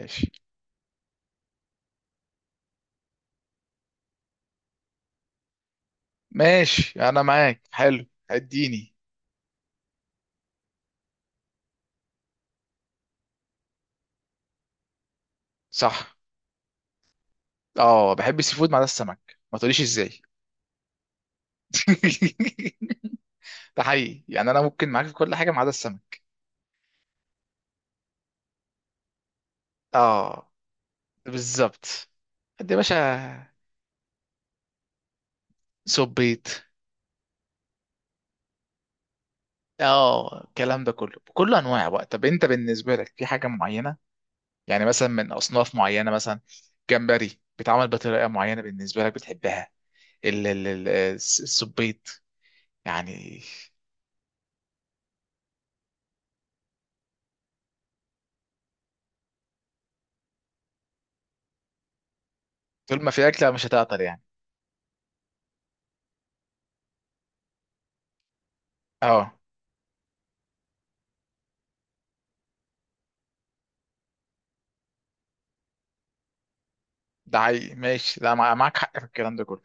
ماشي. ماشي انا معاك. حلو. اديني. صح. اه، بحب السي فود ما عدا السمك، ما تقوليش ازاي. ده حقيقي، يعني انا ممكن معاك في كل حاجه ما عدا السمك. اه، بالظبط. قد يا باشا. صبيت. اه، الكلام ده كله بكل انواع بقى. طب انت بالنسبه لك في حاجه معينه، يعني مثلا من اصناف معينه، مثلا جمبري بيتعمل بطريقه معينه بالنسبه لك بتحبها؟ الصبيت. يعني طول ما في اكله مش هتعطل يعني. اه، ده حقيقي. ماشي، لا مع- معاك حق في الكلام ده كله.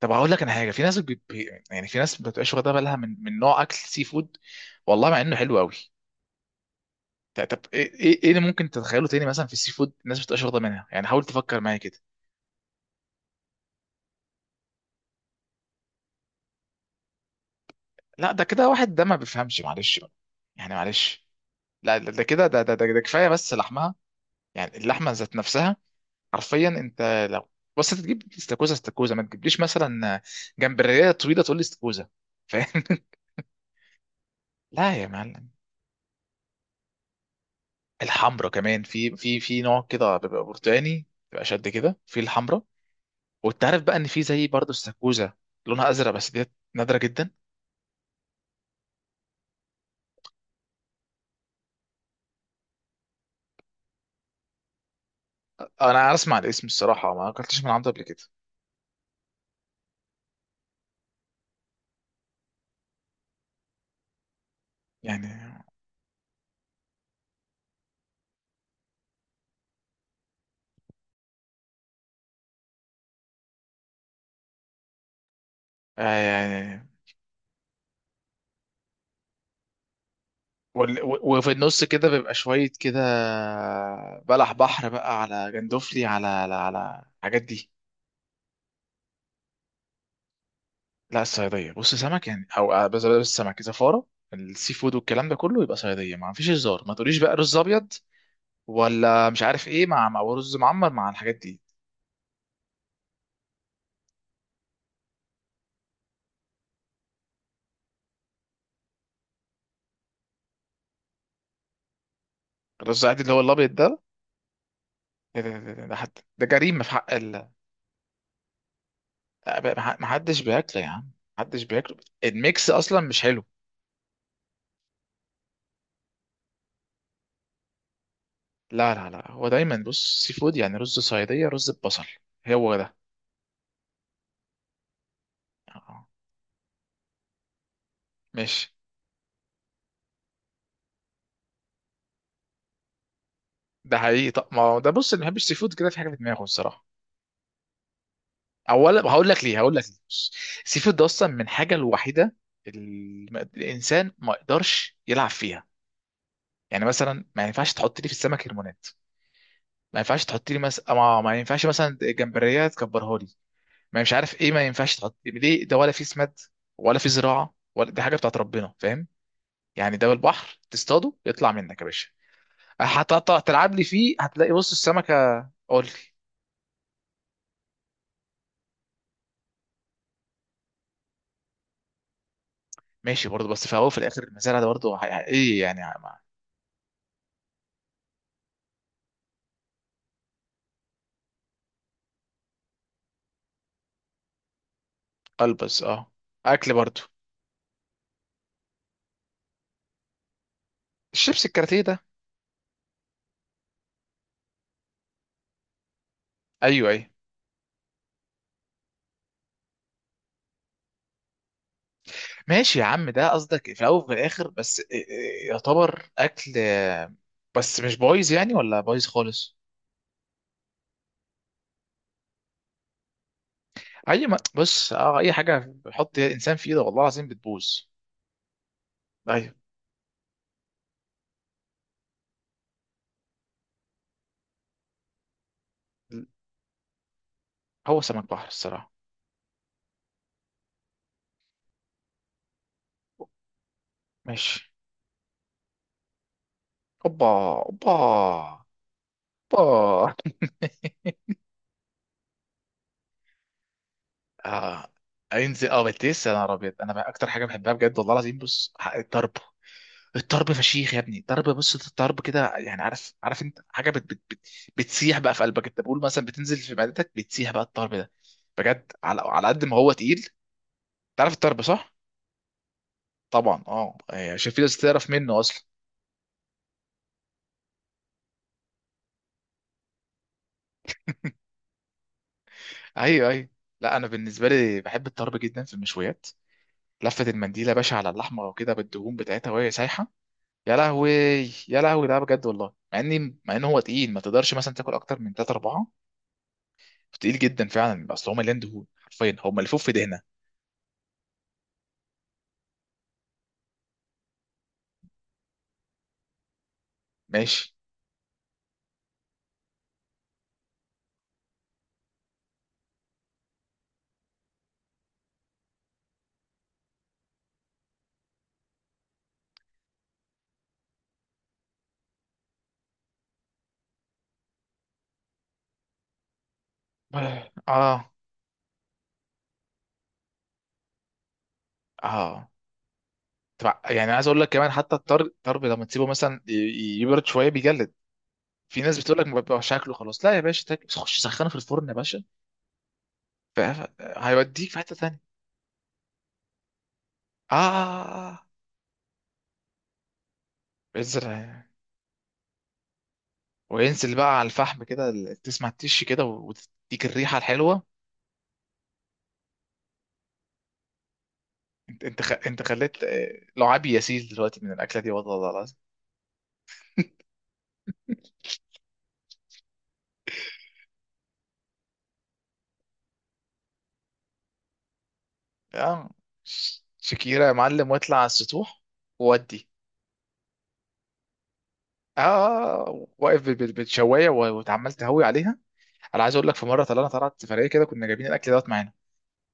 طب هقول لك انا حاجه، في ناس يعني في ناس ما بتبقاش واخده بالها من نوع اكل سي فود، والله مع انه حلو قوي. طب ايه إيه اللي ممكن تتخيله تاني مثلا في السي فود الناس ما بتبقاش واخده منها؟ يعني حاول تفكر معايا كده. لا ده كده واحد ده ما بيفهمش، معلش بقى، يعني معلش. لا ده ده كده ده كفايه بس لحمها، يعني اللحمه ذات نفسها. حرفيا انت لو، بس انت تجيب استاكوزا. ما تجيبليش مثلا جمبريه طويله تقول لي استاكوزا، فاهم؟ لا يا معلم. الحمرا كمان، في في نوع كده بيبقى برتقاني، بيبقى شد كده في الحمرا. وانت عارف بقى ان في زي برضه السكوزه، لونها ازرق بس ديت نادره جدا. انا اسمع الاسم الصراحه، ما اكلتش من عنده قبل كده. يعني آه، يعني وفي النص كده بيبقى شويه كده بلح بحر بقى، على جندوفلي، على الحاجات دي. لا الصياديه، بص سمك يعني، او آه، بس بس السمك زفاره. السي فود والكلام ده كله يبقى صياديه، ما فيش هزار، ما تقوليش بقى رز ابيض ولا مش عارف ايه، مع رز معمر مع الحاجات دي. الرز العادي اللي هو الابيض ده، ده جريمه في حق ال... محدش بياكله يا عم، محدش بياكله. الميكس اصلا مش حلو. لا هو دايما بص سي فود، يعني رز صياديه، رز ببصل، هو ده. آه، ماشي. ده حقيقي، طب ما هو ده بص، اللي ما بيحبش سي فود كده في حاجه في دماغه الصراحه. اولا هقول لك ليه، هقول لك ليه، بص، السي فود ده اصلا من حاجه الوحيده اللي الانسان ما يقدرش يلعب فيها. يعني مثلا ما ينفعش تحط لي في السمك هرمونات، ما ينفعش تحط لي مثلا ما ينفعش مثلا جمبريه تكبرها لي، ما مش عارف ايه. ما ينفعش تحط ليه ده، ولا في سماد، ولا في زراعه. ولا دي حاجه بتاعت ربنا فاهم، يعني ده بالبحر تصطاده يطلع منك يا باشا. أه، هتقطع تلعب لي فيه، هتلاقي، بص السمكه. قول لي. ماشي برضه، بس في الاول وفي الاخر المزارع ده برضه ايه يعني البس. اه، اكل برضه، الشيبس، الكاراتيه ده. ايوه ايوه، ماشي يا عم، ده قصدك في الاول وفي الاخر بس إيه، يعتبر اكل آه، بس مش بايظ يعني ولا بايظ خالص. اي ما بص، اه، اي حاجه بيحط انسان في ايده والله العظيم بتبوظ. ايوه. هو سمك بحر الصراحه. ماشي. اوبا. اوبا. اوبا. اه. انزل اه بتلسع، يا نهار ابيض، انا بقى اكتر حاجه بحبها بجد والله العظيم، بص الطرب. الطرب فشيخ يا ابني. الطرب، بص الطرب كده، يعني عارف، عارف انت حاجه بت بت بت بتسيح بقى في قلبك، انت بقول مثلا بتنزل في معدتك، بتسيح بقى الطرب ده بجد، على قد ما هو تقيل. تعرف الطرب صح؟ طبعا اه، يعني عشان في ناس تعرف منه اصلا. ايوه ايوه. لا انا بالنسبه لي بحب الطرب جدا في المشويات. لفه المنديله يا باشا على اللحمه وكده بالدهون بتاعتها وهي سايحه. يا لهوي. يا لهوي، ده بجد والله. مع اني مع ان هو تقيل، ما تقدرش مثلا تاكل اكتر من 3 4. تقيل جدا فعلا، اصل هو مليان دهون، حرفيا هو ملفوف في دهنه. ماشي. اه. اه طبعا، يعني عايز اقول لك كمان حتى الطرب، الطرب لما تسيبه مثلا يبرد شويه بيجلد. في ناس بتقول لك ما بيبقاش شكله خلاص، لا يا باشا، خش سخنه في الفرن يا باشا، هيوديك في حته ثانيه. آه، آه. بذرة، وينزل بقى على الفحم كده، تسمع التش كده وتديك الريحة الحلوة. انت انت خليت آه، لعابي يسيل دلوقتي من الأكلة دي والله العظيم. آه، شكيرة يا معلم، واطلع على السطوح، وودي. اه آه، آه، واقف بالشواية واتعمال تهوي عليها. انا عايز اقول لك في مره طلعنا، سفريه كده، كنا جايبين الاكل دوت معانا.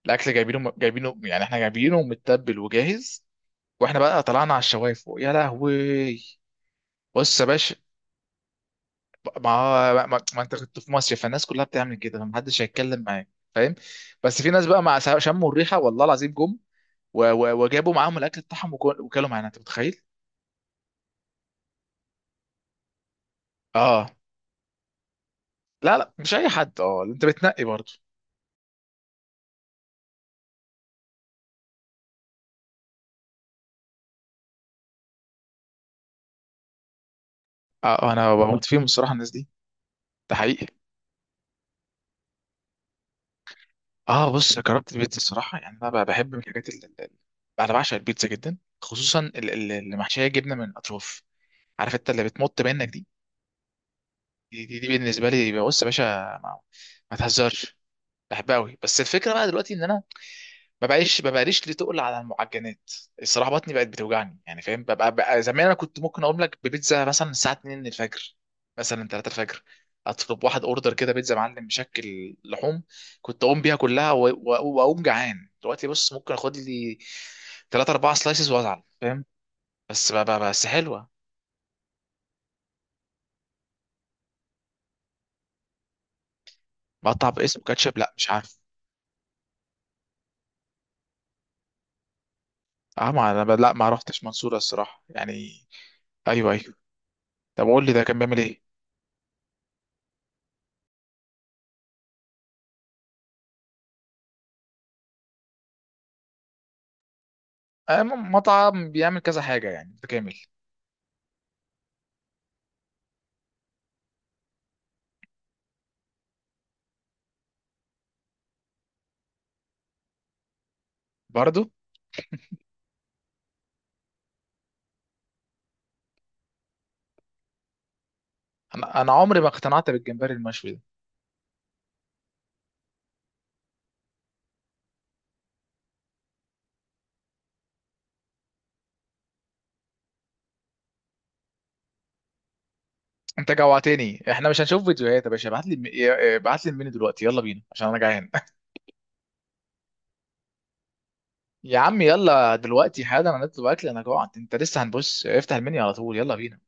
الاكل جايبينه يعني، احنا جايبينه متبل وجاهز. واحنا بقى طلعنا على الشوايف فوق، يا لهوي. بص يا باشا، ما هو- ما, ما انت كنت في مصر، فالناس كلها بتعمل كده، فمحدش هيتكلم معاك فاهم. بس في ناس بقى مع شموا الريحه والله العظيم جم، وجابوا معاهم الاكل بتاعهم، وكلوا معانا، انت متخيل؟ اه. لا لا، مش اي حد، اه انت بتنقي برضه. اه آه، انا بموت فيهم الصراحه الناس دي. ده حقيقي. اه بص، جربت البيتزا الصراحه، يعني انا بقى بحب من الحاجات اللي، انا بعشق البيتزا جدا، خصوصا اللي محشيه جبنه من الاطراف، عارف انت اللي بتمط منك دي. دي بالنسبه لي، بص يا باشا، ما, ما تهزرش، بحبها قوي. بس الفكره بقى دلوقتي ان انا ما بقاليش ليه تقل على المعجنات الصراحه، بطني بقت بتوجعني يعني فاهم. ببقى بقى زمان انا كنت ممكن اقوم لك ببيتزا مثلا الساعه 2 الفجر، مثلا 3 الفجر، اطلب واحد اوردر كده بيتزا معلم مشكل لحوم، كنت اقوم بيها كلها، واقوم جعان. دلوقتي بص ممكن اخد لي 3 4 سلايسز وازعل فاهم، بس حلوه. مقطع باسم كاتشب، لا مش عارف. اه، ما انا لا ما رحتش منصوره الصراحه يعني. ايوه ايوه. طب قول لي ده كان بيعمل ايه؟ آه، مطعم بيعمل كذا حاجة يعني، متكامل. برضو. أنا عمري ما اقتنعت بالجمبري المشوي ده. أنت جوعتني، إحنا مش هنشوف فيديوهات يا باشا، ابعت لي ابعت لي المنيو دلوقتي، يلا بينا عشان أنا جعان. يا عم يلا دلوقتي حالا، أنا هنطلب أكل، أنا جوعت أنت لسه هنبص، افتح المنيو على طول، يلا بينا.